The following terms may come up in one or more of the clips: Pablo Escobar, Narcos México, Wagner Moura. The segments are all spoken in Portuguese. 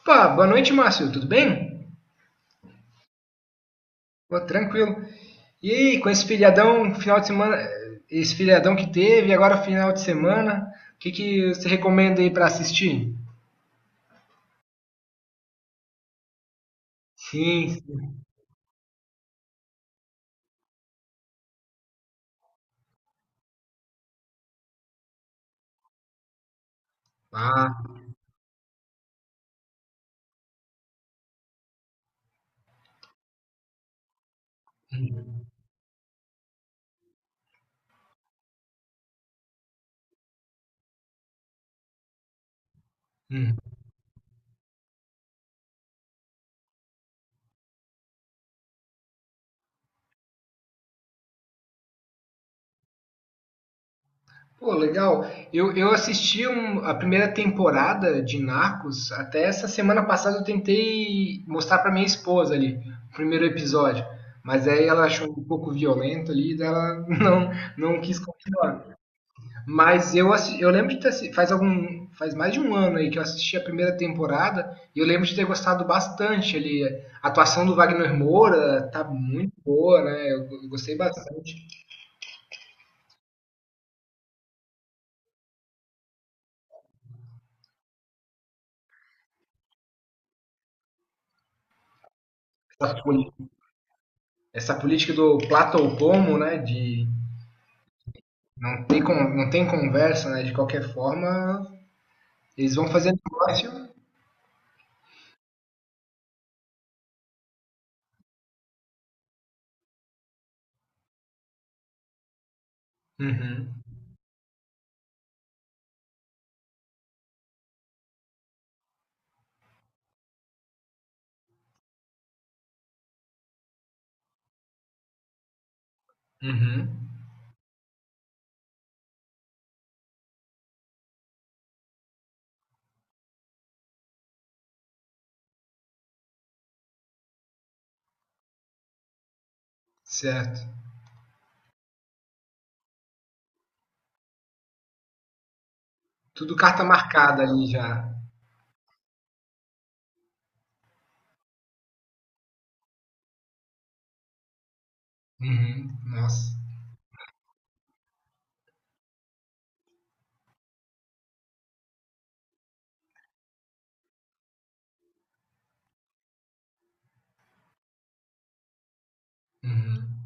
Opa, boa noite, Márcio. Tudo bem? Pô, tranquilo. E aí, com esse feriadão que teve, agora final de semana, o que que você recomenda aí para assistir? Sim, sim. Ah, hum, hum. Pô, legal. Eu assisti a primeira temporada de Narcos. Até essa semana passada eu tentei mostrar pra minha esposa ali, o primeiro episódio. Mas aí ela achou um pouco violento ali, daí ela não, não quis continuar. Mas eu lembro faz algum faz mais de um ano aí que eu assisti a primeira temporada e eu lembro de ter gostado bastante ali. A atuação do Wagner Moura tá muito boa, né? Eu gostei bastante. Essa, poli- essa política do plata ou pomo, né? De não tem conversa, né? De qualquer forma, eles vão fazer negócio. Uhum, uhum, certo. Tudo carta marcada ali já. Uhum, nossa. Uhum.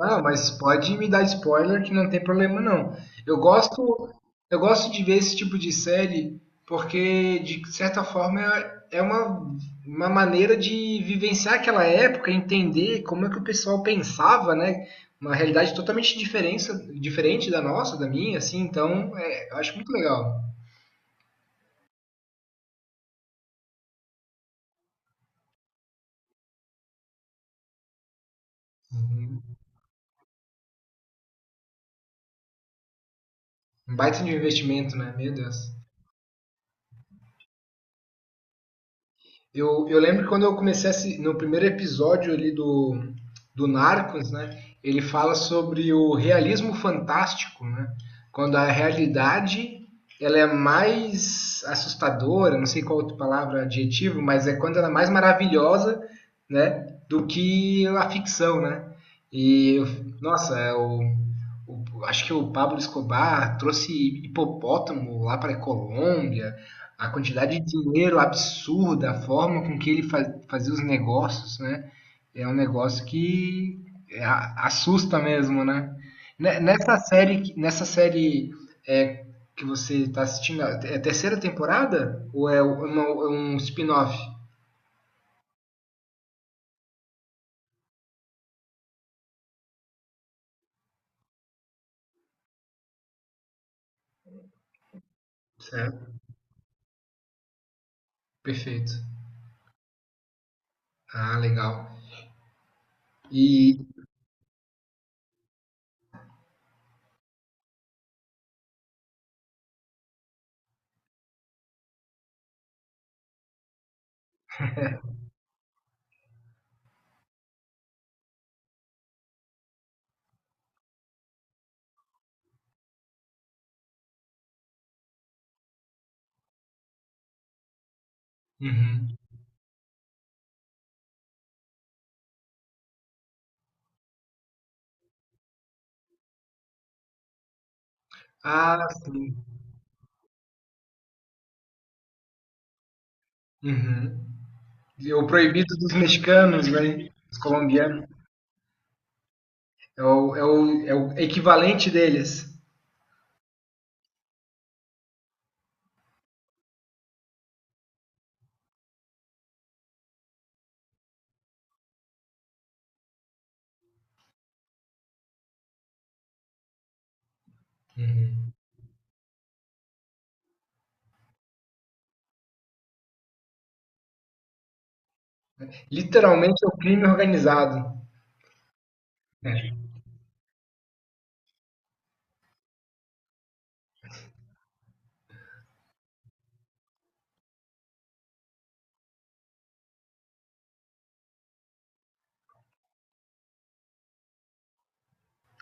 Ah, mas pode me dar spoiler que não tem problema não. Eu gosto, eu gosto de ver esse tipo de série porque de certa forma é uma maneira de vivenciar aquela época, entender como é que o pessoal pensava, né? Uma realidade totalmente diferente da nossa, da minha, assim, então é, eu acho muito legal. Uhum. Um baita de um investimento, né? Meu Deus. Eu lembro que quando eu comecei no primeiro episódio ali do Narcos, né? Ele fala sobre o realismo fantástico, né? Quando a realidade ela é mais assustadora, não sei qual outra palavra, adjetivo, mas é quando ela é mais maravilhosa, né? Do que a ficção, né? E eu- Nossa, acho que o Pablo Escobar trouxe hipopótamo lá para a Colômbia, a quantidade de dinheiro absurda, a forma com que ele fazia os negócios, né? É um negócio que assusta mesmo, né? Nessa série, é, que você está assistindo, é a terceira temporada ou é um spin-off? Certo. Perfeito. Ah, legal. E Uhum. Ah, sim. Uhum. E o proibido dos mexicanos, né? Dos colombianos. É o equivalente deles. Uhum. Literalmente é o crime organizado. É.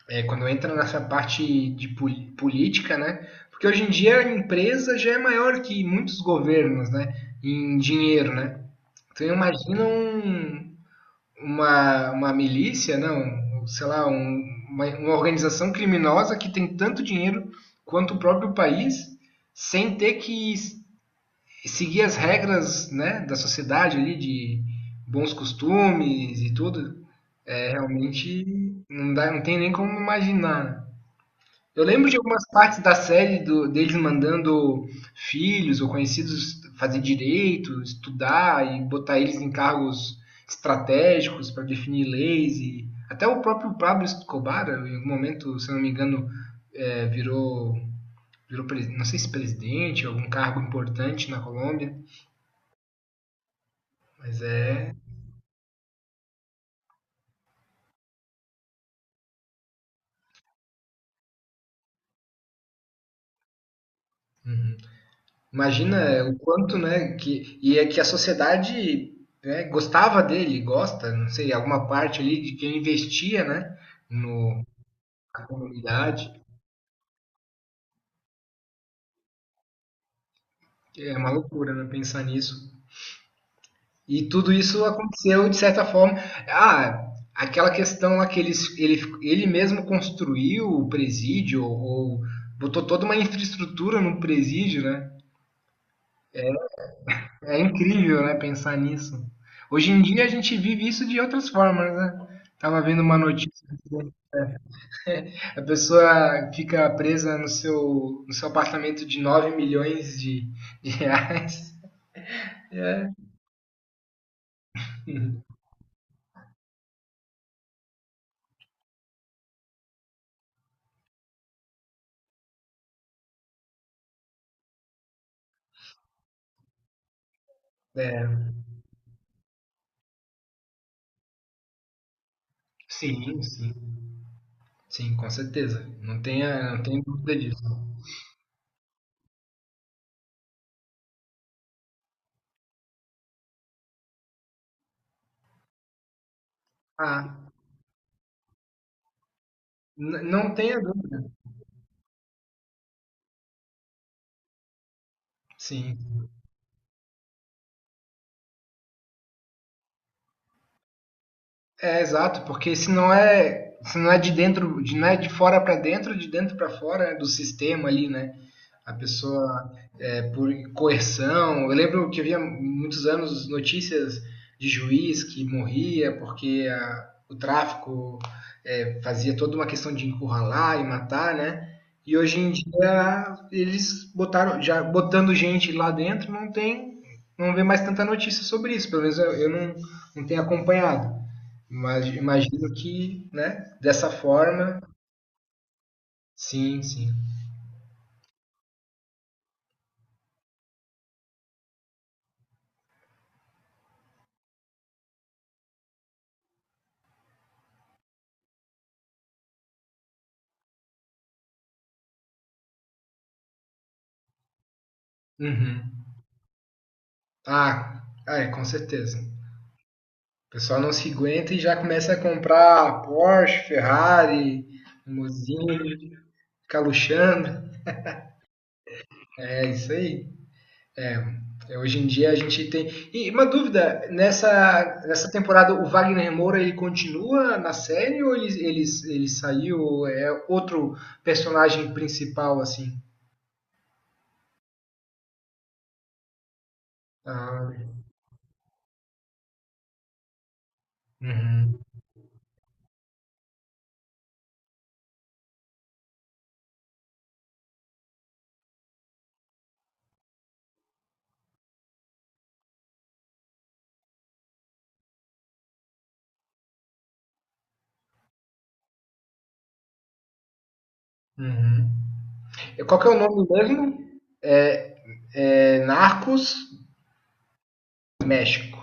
É, quando entra nessa parte de política, né? Porque hoje em dia a empresa já é maior que muitos governos, né? Em dinheiro, né? Então imagina uma milícia, não, sei lá, uma organização criminosa que tem tanto dinheiro quanto o próprio país, sem ter que seguir as regras né, da sociedade ali, de bons costumes e tudo, é, realmente não tem nem como imaginar. Eu lembro de algumas partes da série deles mandando filhos ou conhecidos fazer direito, estudar e botar eles em cargos estratégicos para definir leis e até o próprio Pablo Escobar, em algum momento, se eu não me engano, é, virou, virou não sei se presidente, algum cargo importante na Colômbia. Mas é. Imagina o quanto, né? Que, e é que a sociedade né, gostava dele, gosta, não sei, alguma parte ali de quem investia, né? No, na comunidade. É uma loucura, né? Pensar nisso. E tudo isso aconteceu de certa forma. Ah, aquela questão lá que ele mesmo construiu o presídio, ou botou toda uma infraestrutura no presídio, né? É incrível, né, pensar nisso. Hoje em dia a gente vive isso de outras formas, né? Tava vendo uma notícia, a pessoa fica presa no seu, no seu apartamento de 9 milhões de reais. É. É, sim, sim, sim, com certeza. Não tenha dúvida disso. Ah, não tenha dúvida. Sim. É exato, porque se não é de dentro, não é de fora para dentro, de dentro para fora, né, do sistema ali, né? A pessoa é, por coerção. Eu lembro que havia muitos anos notícias de juiz que morria porque o tráfico fazia toda uma questão de encurralar e matar, né? E hoje em dia eles botaram, já botando gente lá dentro, não tem, não vê mais tanta notícia sobre isso. Pelo menos eu não tenho acompanhado. Mas imagino que, né? Dessa forma, sim, sim. Uhum. Ah, ah, é, com certeza. O pessoal não se aguenta e já começa a comprar Porsche, Ferrari, Lamborghini, ficar luxando. É isso aí. É, hoje em dia a gente tem. E uma dúvida, nessa temporada o Wagner Moura ele continua na série ou ele saiu? É outro personagem principal, assim? Ah, uhum, uhum. Qual que é o nome mesmo? É Narcos México.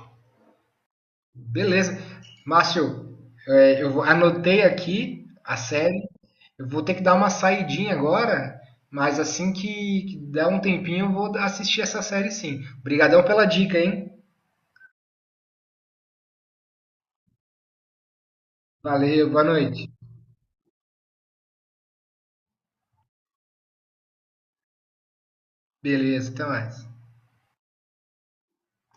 Beleza. Márcio, anotei aqui a série. Eu vou ter que dar uma saidinha agora, mas assim que der um tempinho eu vou assistir essa série sim. Obrigadão pela dica, hein? Valeu, boa noite. Beleza, até mais.